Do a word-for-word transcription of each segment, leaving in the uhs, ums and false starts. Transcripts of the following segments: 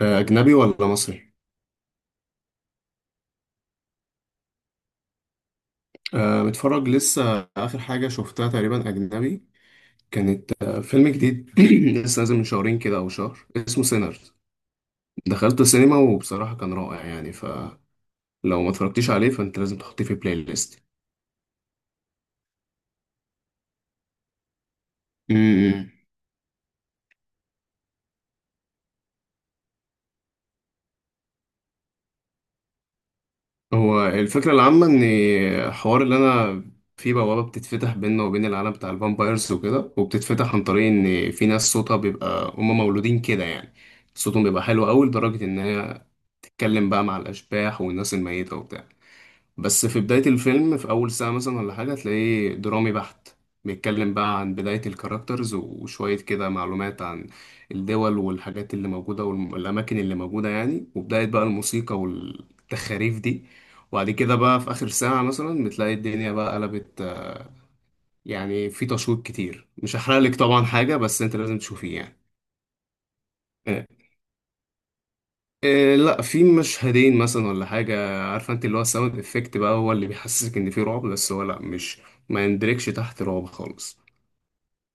آه، أجنبي ولا مصري؟ أه متفرج لسه آخر حاجة شفتها تقريبا أجنبي، كانت آه، فيلم جديد لسه نازل من شهرين كده أو شهر، اسمه سينرز. دخلت السينما وبصراحة كان رائع، يعني فلو ما اتفرجتيش عليه فأنت لازم تحطيه في بلاي ليست. أمم. هو الفكرة العامة إن الحوار اللي أنا، في بوابة بتتفتح بيننا وبين العالم بتاع الفامبايرز وكده، وبتتفتح عن طريق إن في ناس صوتها بيبقى، هما مولودين كده يعني، صوتهم بيبقى حلو أوي لدرجة إن هي اتكلم بقى مع الاشباح والناس الميته وبتاع. بس في بدايه الفيلم، في اول ساعه مثلا ولا حاجه، تلاقيه درامي بحت، بيتكلم بقى عن بدايه الكاركترز وشويه كده معلومات عن الدول والحاجات اللي موجوده والاماكن اللي موجوده يعني، وبدايه بقى الموسيقى والتخاريف دي. وبعد كده بقى في اخر ساعه مثلا بتلاقي الدنيا بقى قلبت آه، يعني في تشويق كتير، مش هحرق لك طبعا حاجه، بس انت لازم تشوفيه يعني. آه. إيه، لا، في مشهدين مثلا ولا حاجة، عارفة انت اللي هو الساوند افكت بقى هو اللي بيحسسك ان في رعب، بس هو لا، مش ما يندركش تحت رعب خالص.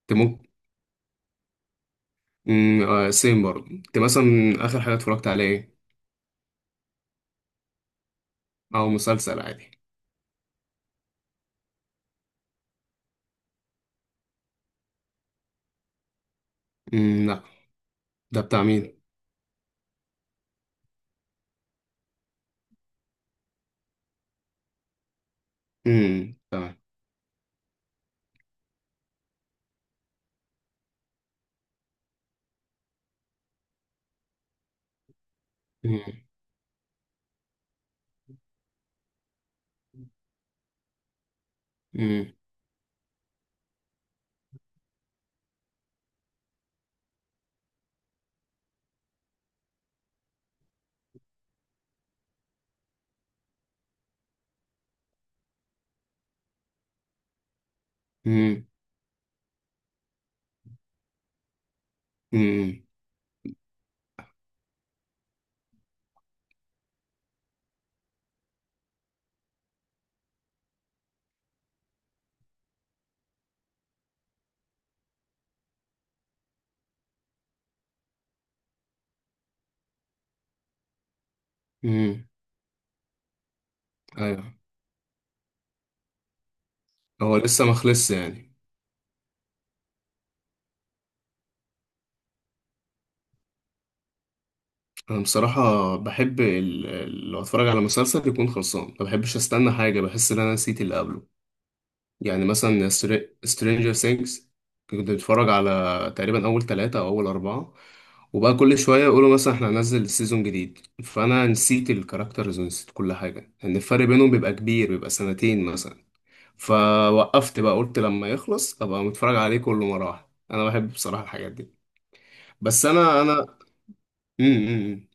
انت ممكن، مم، آه سيم برضه. انت مثلا اخر حاجة اتفرجت على ايه، او مسلسل عادي؟ مم، لا. ده بتاع مين؟ مم، تمام. مم. مم. مم. مم. مم. ايوه، هو لسه ما خلصش يعني؟ انا بصراحة بحب ال- ال- لو اتفرج على مسلسل يكون خلصان، ما بحبش استنى حاجة، بحس ان انا نسيت اللي قبله. يعني مثلا سترينجر ثينجز، كنت بتفرج على تقريبا أول ثلاثة أو أول أربعة، وبقى كل شوية يقولوا مثلا احنا هننزل سيزون جديد، فأنا نسيت الكاركترز ونسيت كل حاجة لأن الفرق بينهم بيبقى كبير، بيبقى سنتين مثلا. فوقفت بقى، قلت لما يخلص أبقى متفرج عليه كله مرة واحدة. أنا بحب بصراحة الحاجات دي. بس أنا أنا، امم،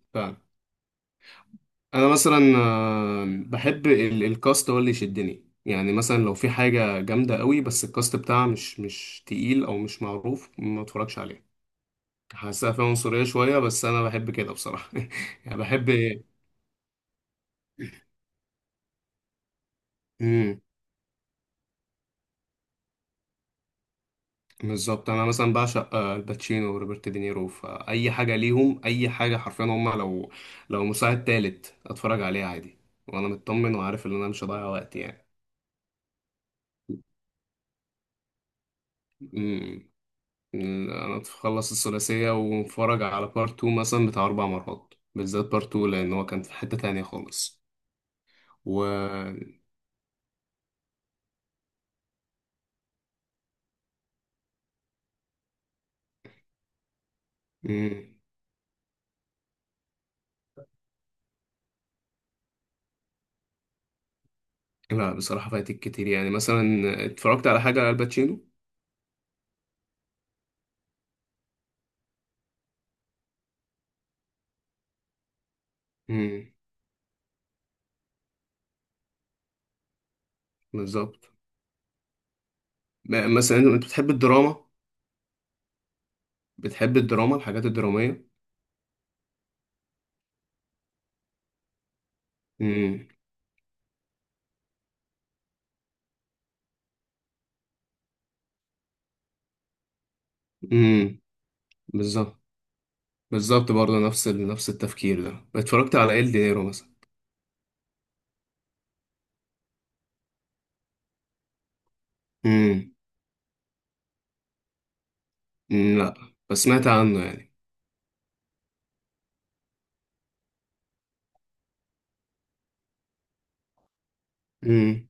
انا مثلا آه، بحب ال- الكاست هو اللي يشدني، يعني مثلا لو في حاجه جامده قوي بس الكاست بتاعها مش مش تقيل او مش معروف، ما اتفرجش عليه. حاسسها فيها عنصريه شويه بس انا بحب كده بصراحه. يعني بحب. امم. بالظبط، انا مثلا بعشق آه، الباتشينو وروبرت دينيرو، فاي حاجه ليهم، اي حاجه حرفيا هم، لو لو مساعد تالت اتفرج عليها عادي، وانا مطمن وعارف ان انا مش هضيع وقت يعني. امم. انا تخلص الثلاثيه واتفرج على بارت اتنين مثلا بتاع اربع مرات، بالذات بارت اتنين، لان هو كان في حته تانية خالص، و، مم. لا بصراحه فايتك كتير، يعني مثلا اتفرجت على حاجه لالباتشينو. امم، بالظبط. م- مثلا انت بتحب الدراما؟ بتحب الدراما، الحاجات الدراميه؟ امم، امم، بالظبط. بالظبط، برضه نفس ال... نفس التفكير ده، اتفرجت على ال دينيرو مثلا. امم. لا، بس سمعت عنه يعني. امم.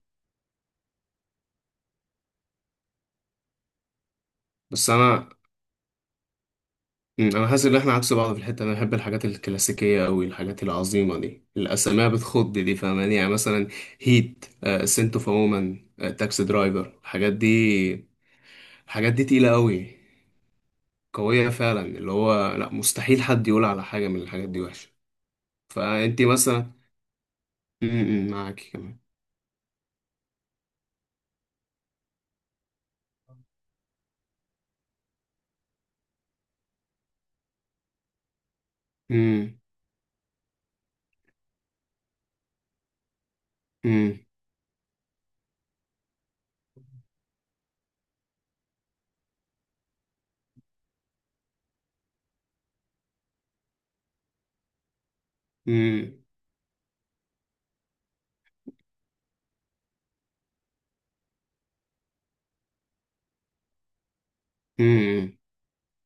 بس انا، مم، انا حاسس ان احنا عكس بعض في الحته، انا بحب الحاجات الكلاسيكيه قوي، الحاجات العظيمه دي، الاسماء بتخض دي، فاهماني؟ يعني مثلا هيت، آه سنت اوف وومن، آه تاكسي درايفر، الحاجات دي. الحاجات دي تقيله قوي، قويه فعلا، اللي هو لا مستحيل حد يقول على حاجه من الحاجات دي وحشه. فانت مثلا، امم، معاكي كمان. امم. امم.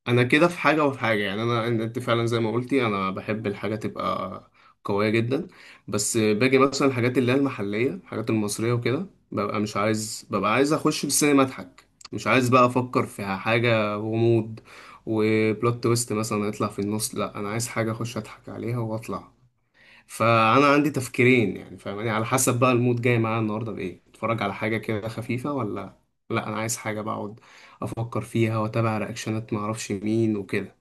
انا كده في حاجه وفي حاجه، يعني انا، انت فعلا زي ما قلتي، انا بحب الحاجه تبقى قويه جدا. بس باجي مثلا الحاجات اللي هي المحليه، الحاجات المصريه وكده، ببقى مش عايز، ببقى عايز اخش السينما اضحك، مش عايز بقى افكر في حاجه غموض وبلوت تويست مثلا يطلع في النص، لا انا عايز حاجه اخش اضحك عليها واطلع. فانا عندي تفكيرين يعني، فاهماني؟ على حسب بقى المود جاي معايا النهارده بايه، اتفرج على حاجه كده خفيفه، ولا لا انا عايز حاجه بقعد افكر فيها واتابع رياكشنات، ما اعرفش مين وكده،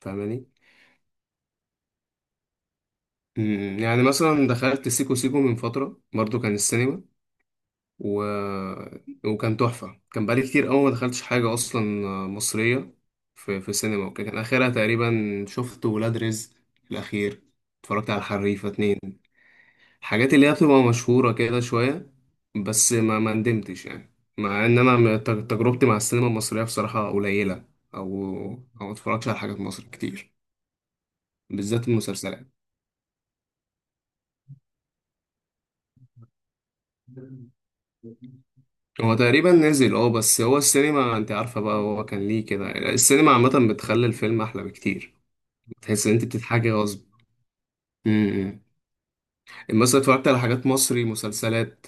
فاهماني؟ أمم، يعني مثلا دخلت سيكو سيكو من فتره برضو كان السينما، و، وكان تحفه، كان بقالي كتير قوي ما دخلتش حاجه اصلا مصريه في في سينما وكده. كان اخرها تقريبا، شفت ولاد رزق الاخير، اتفرجت على الحريفه اتنين، حاجات اللي هي بتبقى مشهورة كده شوية. بس ما ما ندمتش يعني، مع ان انا م- تج- تجربتي مع السينما المصرية بصراحة قليلة، او او ما اتفرجش على حاجات مصر كتير، بالذات المسلسلات. هو تقريبا نزل، اه، بس هو السينما انت عارفة بقى، هو كان ليه كده، السينما عامة بتخلي الفيلم احلى بكتير، بتحس ان انت بتتحاجي غصب. امم. مثلا اتفرجت على حاجات مصري مسلسلات،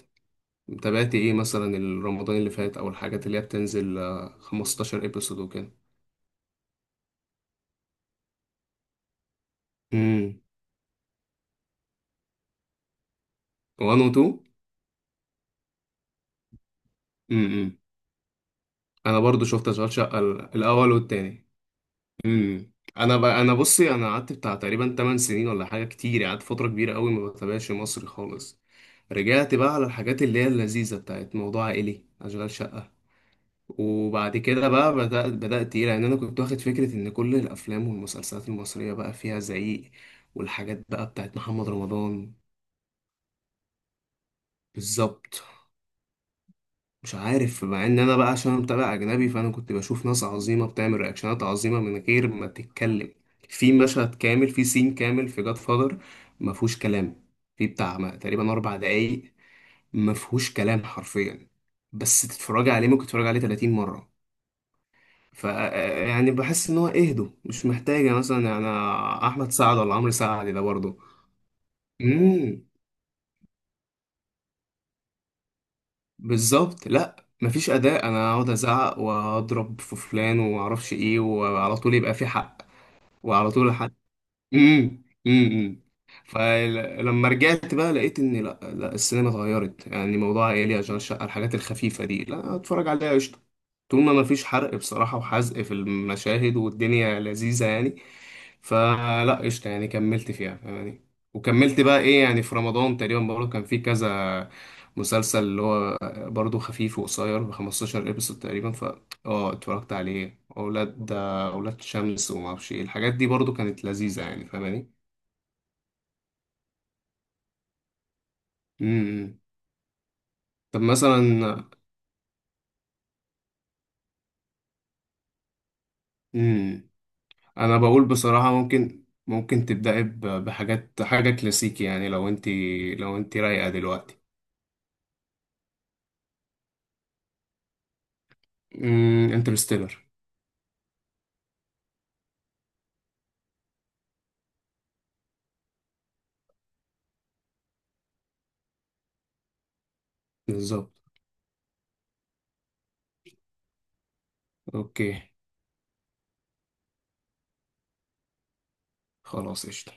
تابعت ايه مثلا؟ رمضان اللي فات، او الحاجات اللي هي بتنزل آه، خمستاشر ابيسود وكده، واحد و اتنين. امم. انا برضو شفت اشغال شقه ال- الاول والتاني. امم. انا ب، انا بصي، انا قعدت بتاع تقريبا تمانية سنين ولا حاجه، كتير قعدت فتره كبيره قوي ما بتابعش مصري خالص. رجعت بقى على الحاجات اللي هي اللذيذه بتاعت موضوع عائلي، اشغال شقه. وبعد كده بقى بدأت بدأت ايه لان انا كنت واخد فكره ان كل الافلام والمسلسلات المصريه بقى فيها زعيق، والحاجات بقى بتاعت محمد رمضان. بالظبط. مش عارف، مع ان انا بقى، عشان أنا متابع اجنبي، فانا كنت بشوف ناس عظيمه بتعمل رياكشنات عظيمه من غير ما تتكلم. في مشهد كامل، في سين كامل في جاد فادر ما فيهوش كلام، في بتاع ما- تقريبا اربع دقايق ما فيهوش كلام حرفيا، بس تتفرجي عليه، ممكن تتفرجي عليه تلاتين مره. ف يعني بحس ان هو اهدوا، مش محتاجه مثلا يعني، احمد سعد ولا عمرو سعد ده برضه. بالظبط، لا مفيش اداء انا اقعد ازعق واضرب في فلان ومعرفش ايه، وعلى طول يبقى في حق، وعلى طول. امم. امم. امم. فلما رجعت بقى لقيت ان لا، لا السينما اتغيرت، يعني موضوع عيالي اشغال شقه الحاجات الخفيفه دي، لا اتفرج عليها قشطه، طول ما مفيش حرق بصراحه وحزق في المشاهد، والدنيا لذيذه يعني، فلا قشطه يعني، كملت فيها يعني. وكملت بقى ايه يعني، في رمضان تقريبا برضه كان في كذا مسلسل اللي هو برضه خفيف وقصير ب خمستاشر ابيسود تقريبا، ف اه اتفرجت عليه، اولاد اولاد شمس وما اعرفش ايه، الحاجات دي برضو كانت لذيذه يعني، فاهماني؟ امم. طب مثلا، امم، انا بقول بصراحه ممكن ممكن تبداي ب- بحاجات، حاجه كلاسيكي، يعني لو انت، لو انت رايقه دلوقتي. امم، انترستيلر. بالظبط. اوكي. خلاص قشطه.